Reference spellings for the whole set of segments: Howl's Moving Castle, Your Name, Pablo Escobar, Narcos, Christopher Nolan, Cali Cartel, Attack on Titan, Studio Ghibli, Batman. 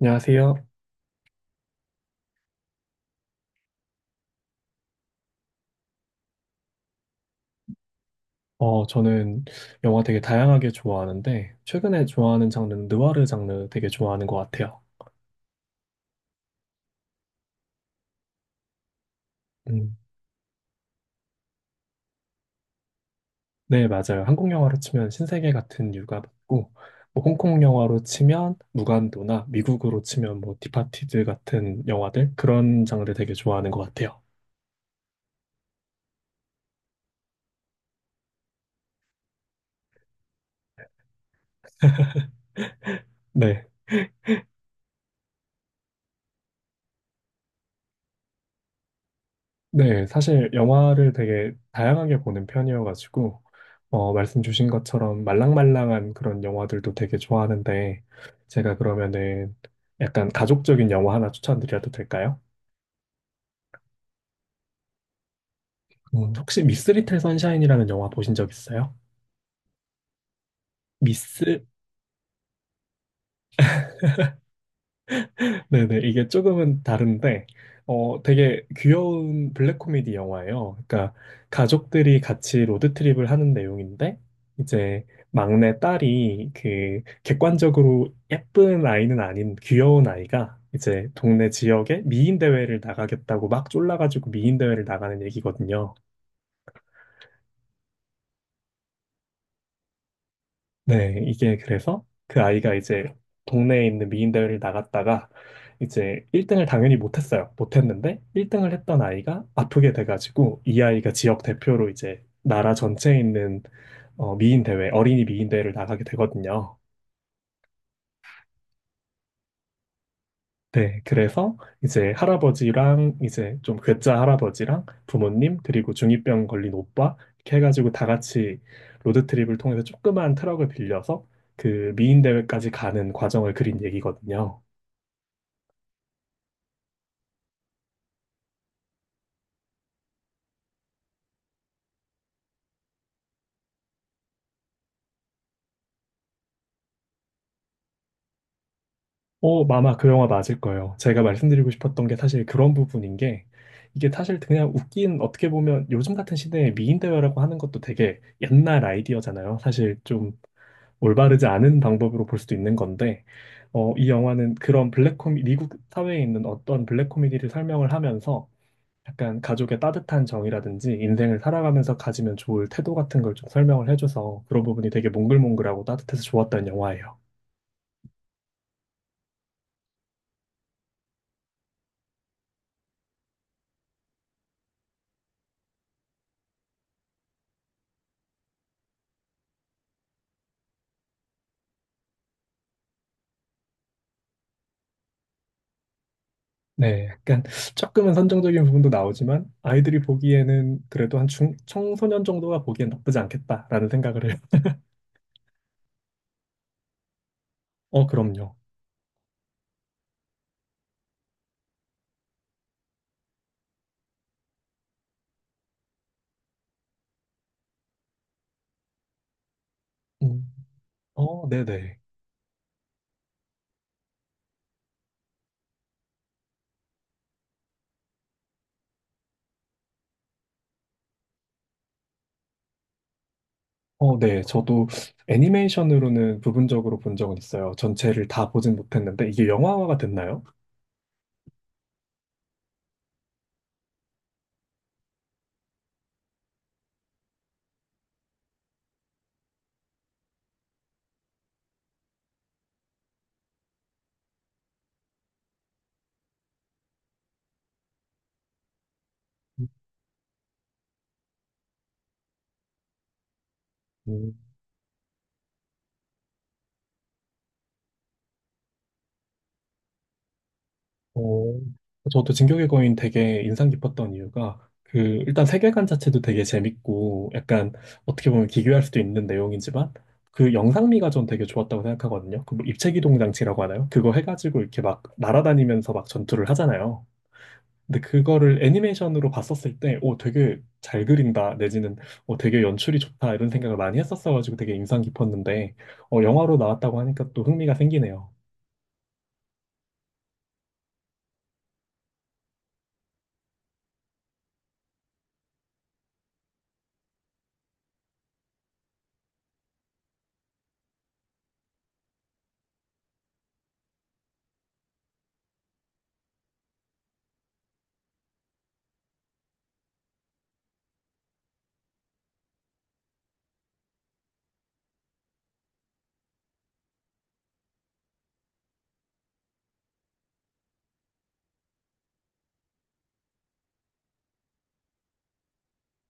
안녕하세요. 저는 영화 되게 다양하게 좋아하는데, 최근에 좋아하는 장르는 느와르 장르 되게 좋아하는 것 같아요. 음, 네, 맞아요. 한국 영화로 치면 신세계 같은 유가 맞고, 뭐 홍콩 영화로 치면 무간도나 미국으로 치면 뭐 디파티드 같은 영화들, 그런 장르 되게 좋아하는 것 같아요. 네. 네, 사실 영화를 되게 다양하게 보는 편이어가지고, 말씀 주신 것처럼 말랑말랑한 그런 영화들도 되게 좋아하는데, 제가 그러면은 약간 가족적인 영화 하나 추천드려도 될까요? 음. 혹시 미스 리틀 선샤인이라는 영화 보신 적 있어요? 미스? 네네, 이게 조금은 다른데, 되게 귀여운 블랙 코미디 영화예요. 그러니까 가족들이 같이 로드트립을 하는 내용인데, 이제 막내 딸이 그 객관적으로 예쁜 아이는 아닌 귀여운 아이가 이제 동네 지역에 미인 대회를 나가겠다고 막 쫄라가지고 미인 대회를 나가는 얘기거든요. 네, 이게 그래서 그 아이가 이제 동네에 있는 미인대회를 나갔다가 이제 1등을 당연히 못했어요. 못했는데 1등을 했던 아이가 아프게 돼가지고 이 아이가 지역 대표로 이제 나라 전체에 있는 미인대회, 어린이 미인대회를 나가게 되거든요. 네, 그래서 이제 할아버지랑 이제 좀 괴짜 할아버지랑 부모님 그리고 중이병 걸린 오빠 이렇게 해가지고 다 같이 로드트립을 통해서 조그만 트럭을 빌려서 그 미인 대회까지 가는 과정을 그린 얘기거든요. 어, 마마 그 영화 맞을 거예요. 제가 말씀드리고 싶었던 게 사실 그런 부분인 게 이게 사실 그냥 웃긴 어떻게 보면 요즘 같은 시대에 미인 대회라고 하는 것도 되게 옛날 아이디어잖아요. 사실 좀 올바르지 않은 방법으로 볼 수도 있는 건데, 이 영화는 그런 블랙 코미, 미국 사회에 있는 어떤 블랙 코미디를 설명을 하면서 약간 가족의 따뜻한 정이라든지 인생을 살아가면서 가지면 좋을 태도 같은 걸 좀 설명을 해줘서 그런 부분이 되게 몽글몽글하고 따뜻해서 좋았던 영화예요. 네, 약간 조금은 선정적인 부분도 나오지만 아이들이 보기에는 그래도 한 중, 청소년 정도가 보기엔 나쁘지 않겠다라는 생각을 해요. 어, 그럼요. 음, 어, 네네. 어, 네. 저도 애니메이션으로는 부분적으로 본 적은 있어요. 전체를 다 보진 못했는데, 이게 영화화가 됐나요? 음, 어, 저도 진격의 거인 되게 인상 깊었던 이유가 그 일단 세계관 자체도 되게 재밌고 약간 어떻게 보면 기괴할 수도 있는 내용이지만 그 영상미가 전 되게 좋았다고 생각하거든요. 그뭐 입체기동 장치라고 하나요? 그거 해가지고 이렇게 막 날아다니면서 막 전투를 하잖아요. 근데 그거를 애니메이션으로 봤었을 때, 오, 되게 잘 그린다, 내지는, 되게 연출이 좋다, 이런 생각을 많이 했었어가지고 되게 인상 깊었는데, 영화로 나왔다고 하니까 또 흥미가 생기네요.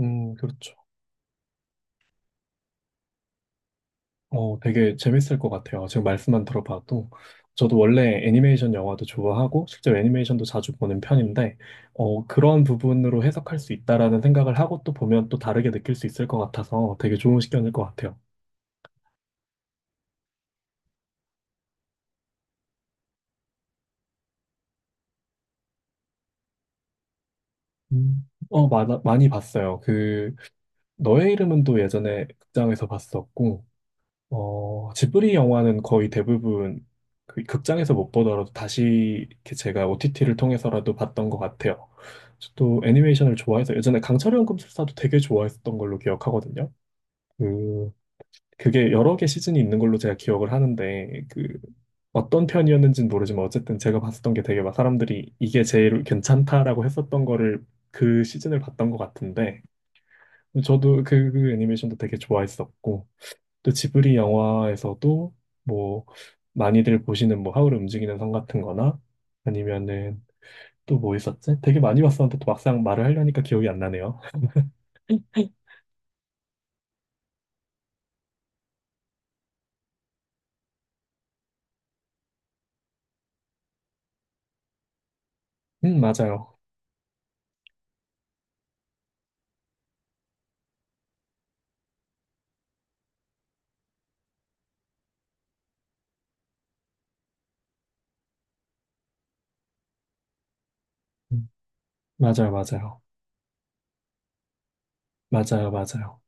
그렇죠. 어, 되게 재밌을 것 같아요. 지금 말씀만 들어봐도. 저도 원래 애니메이션 영화도 좋아하고, 실제 애니메이션도 자주 보는 편인데, 그런 부분으로 해석할 수 있다라는 생각을 하고 또 보면 또 다르게 느낄 수 있을 것 같아서 되게 좋은 시견일 것 같아요. 음. 어, 많아, 많이 봤어요. 그 너의 이름은 또 예전에 극장에서 봤었고, 지브리 영화는 거의 대부분 그 극장에서 못 보더라도 다시 이렇게 제가 OTT를 통해서라도 봤던 것 같아요. 저도 애니메이션을 좋아해서 예전에 강철의 연금술사도 되게 좋아했었던 걸로 기억하거든요. 그, 그게 여러 개 시즌이 있는 걸로 제가 기억을 하는데, 그, 어떤 편이었는지는 모르지만 어쨌든 제가 봤었던 게 되게 막 사람들이 이게 제일 괜찮다라고 했었던 거를 그 시즌을 봤던 것 같은데, 저도 그, 그 애니메이션도 되게 좋아했었고, 또 지브리 영화에서도 뭐, 많이들 보시는 뭐, 하울의 움직이는 성 같은 거나, 아니면은 또 뭐 있었지? 되게 많이 봤었는데 또 막상 말을 하려니까 기억이 안 나네요. 맞아요. 음, 맞아요, 맞아요. 맞아요, 맞아요.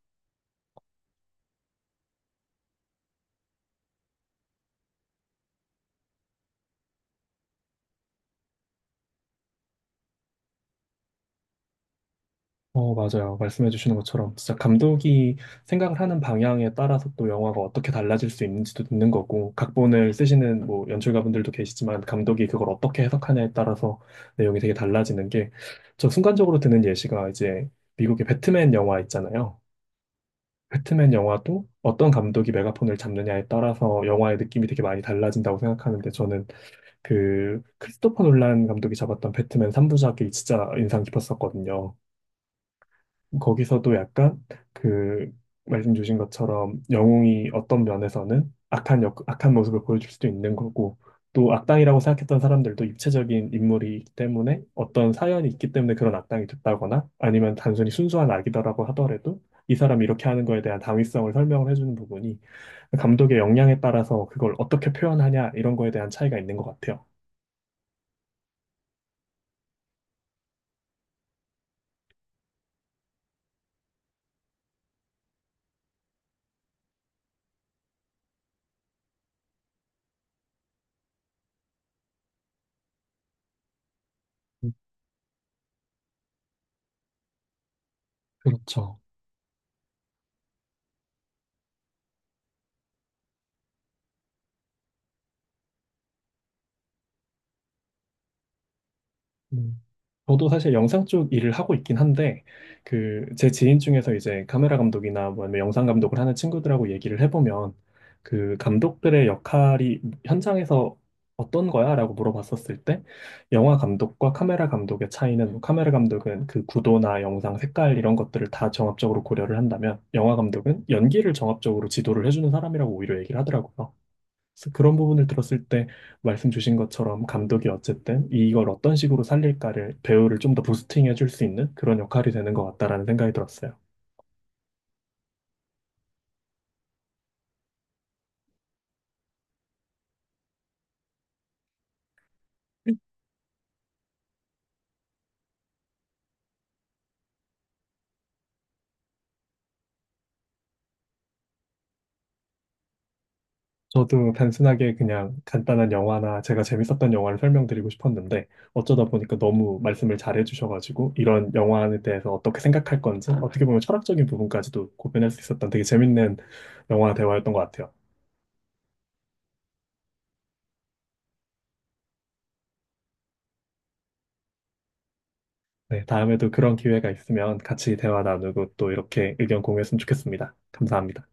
어, 맞아요. 말씀해 주시는 것처럼 진짜 감독이 생각을 하는 방향에 따라서 또 영화가 어떻게 달라질 수 있는지도 있는 거고, 각본을 쓰시는 뭐 연출가분들도 계시지만 감독이 그걸 어떻게 해석하냐에 따라서 내용이 되게 달라지는 게, 저 순간적으로 드는 예시가 이제 미국의 배트맨 영화 있잖아요. 배트맨 영화도 어떤 감독이 메가폰을 잡느냐에 따라서 영화의 느낌이 되게 많이 달라진다고 생각하는데 저는 그 크리스토퍼 놀란 감독이 잡았던 배트맨 3부작이 진짜 인상 깊었었거든요. 거기서도 약간 그 말씀 주신 것처럼 영웅이 어떤 면에서는 악한 역, 악한 모습을 보여줄 수도 있는 거고 또 악당이라고 생각했던 사람들도 입체적인 인물이기 때문에 어떤 사연이 있기 때문에 그런 악당이 됐다거나 아니면 단순히 순수한 악이다라고 하더라도 이 사람이 이렇게 하는 거에 대한 당위성을 설명을 해주는 부분이 감독의 역량에 따라서 그걸 어떻게 표현하냐 이런 거에 대한 차이가 있는 것 같아요. 그렇죠. 음. 저도 사실 영상 쪽 일을 하고 있긴 한데, 그, 제 지인 중에서 이제 카메라 감독이나 뭐 아니면 영상 감독을 하는 친구들하고 얘기를 해보면, 그 감독들의 역할이 현장에서 어떤 거야? 라고 물어봤었을 때, 영화 감독과 카메라 감독의 차이는, 뭐 카메라 감독은 그 구도나 영상 색깔 이런 것들을 다 종합적으로 고려를 한다면, 영화 감독은 연기를 종합적으로 지도를 해주는 사람이라고 오히려 얘기를 하더라고요. 그래서 그런 부분을 들었을 때 말씀 주신 것처럼 감독이 어쨌든 이걸 어떤 식으로 살릴까를 배우를 좀 더 부스팅해 줄 수 있는 그런 역할이 되는 것 같다라는 생각이 들었어요. 저도 단순하게 그냥 간단한 영화나 제가 재밌었던 영화를 설명드리고 싶었는데 어쩌다 보니까 너무 말씀을 잘해 주셔가지고 이런 영화에 대해서 어떻게 생각할 건지 어떻게 보면 철학적인 부분까지도 고민할 수 있었던 되게 재밌는 영화 대화였던 것 같아요. 네, 다음에도 그런 기회가 있으면 같이 대화 나누고 또 이렇게 의견 공유했으면 좋겠습니다. 감사합니다.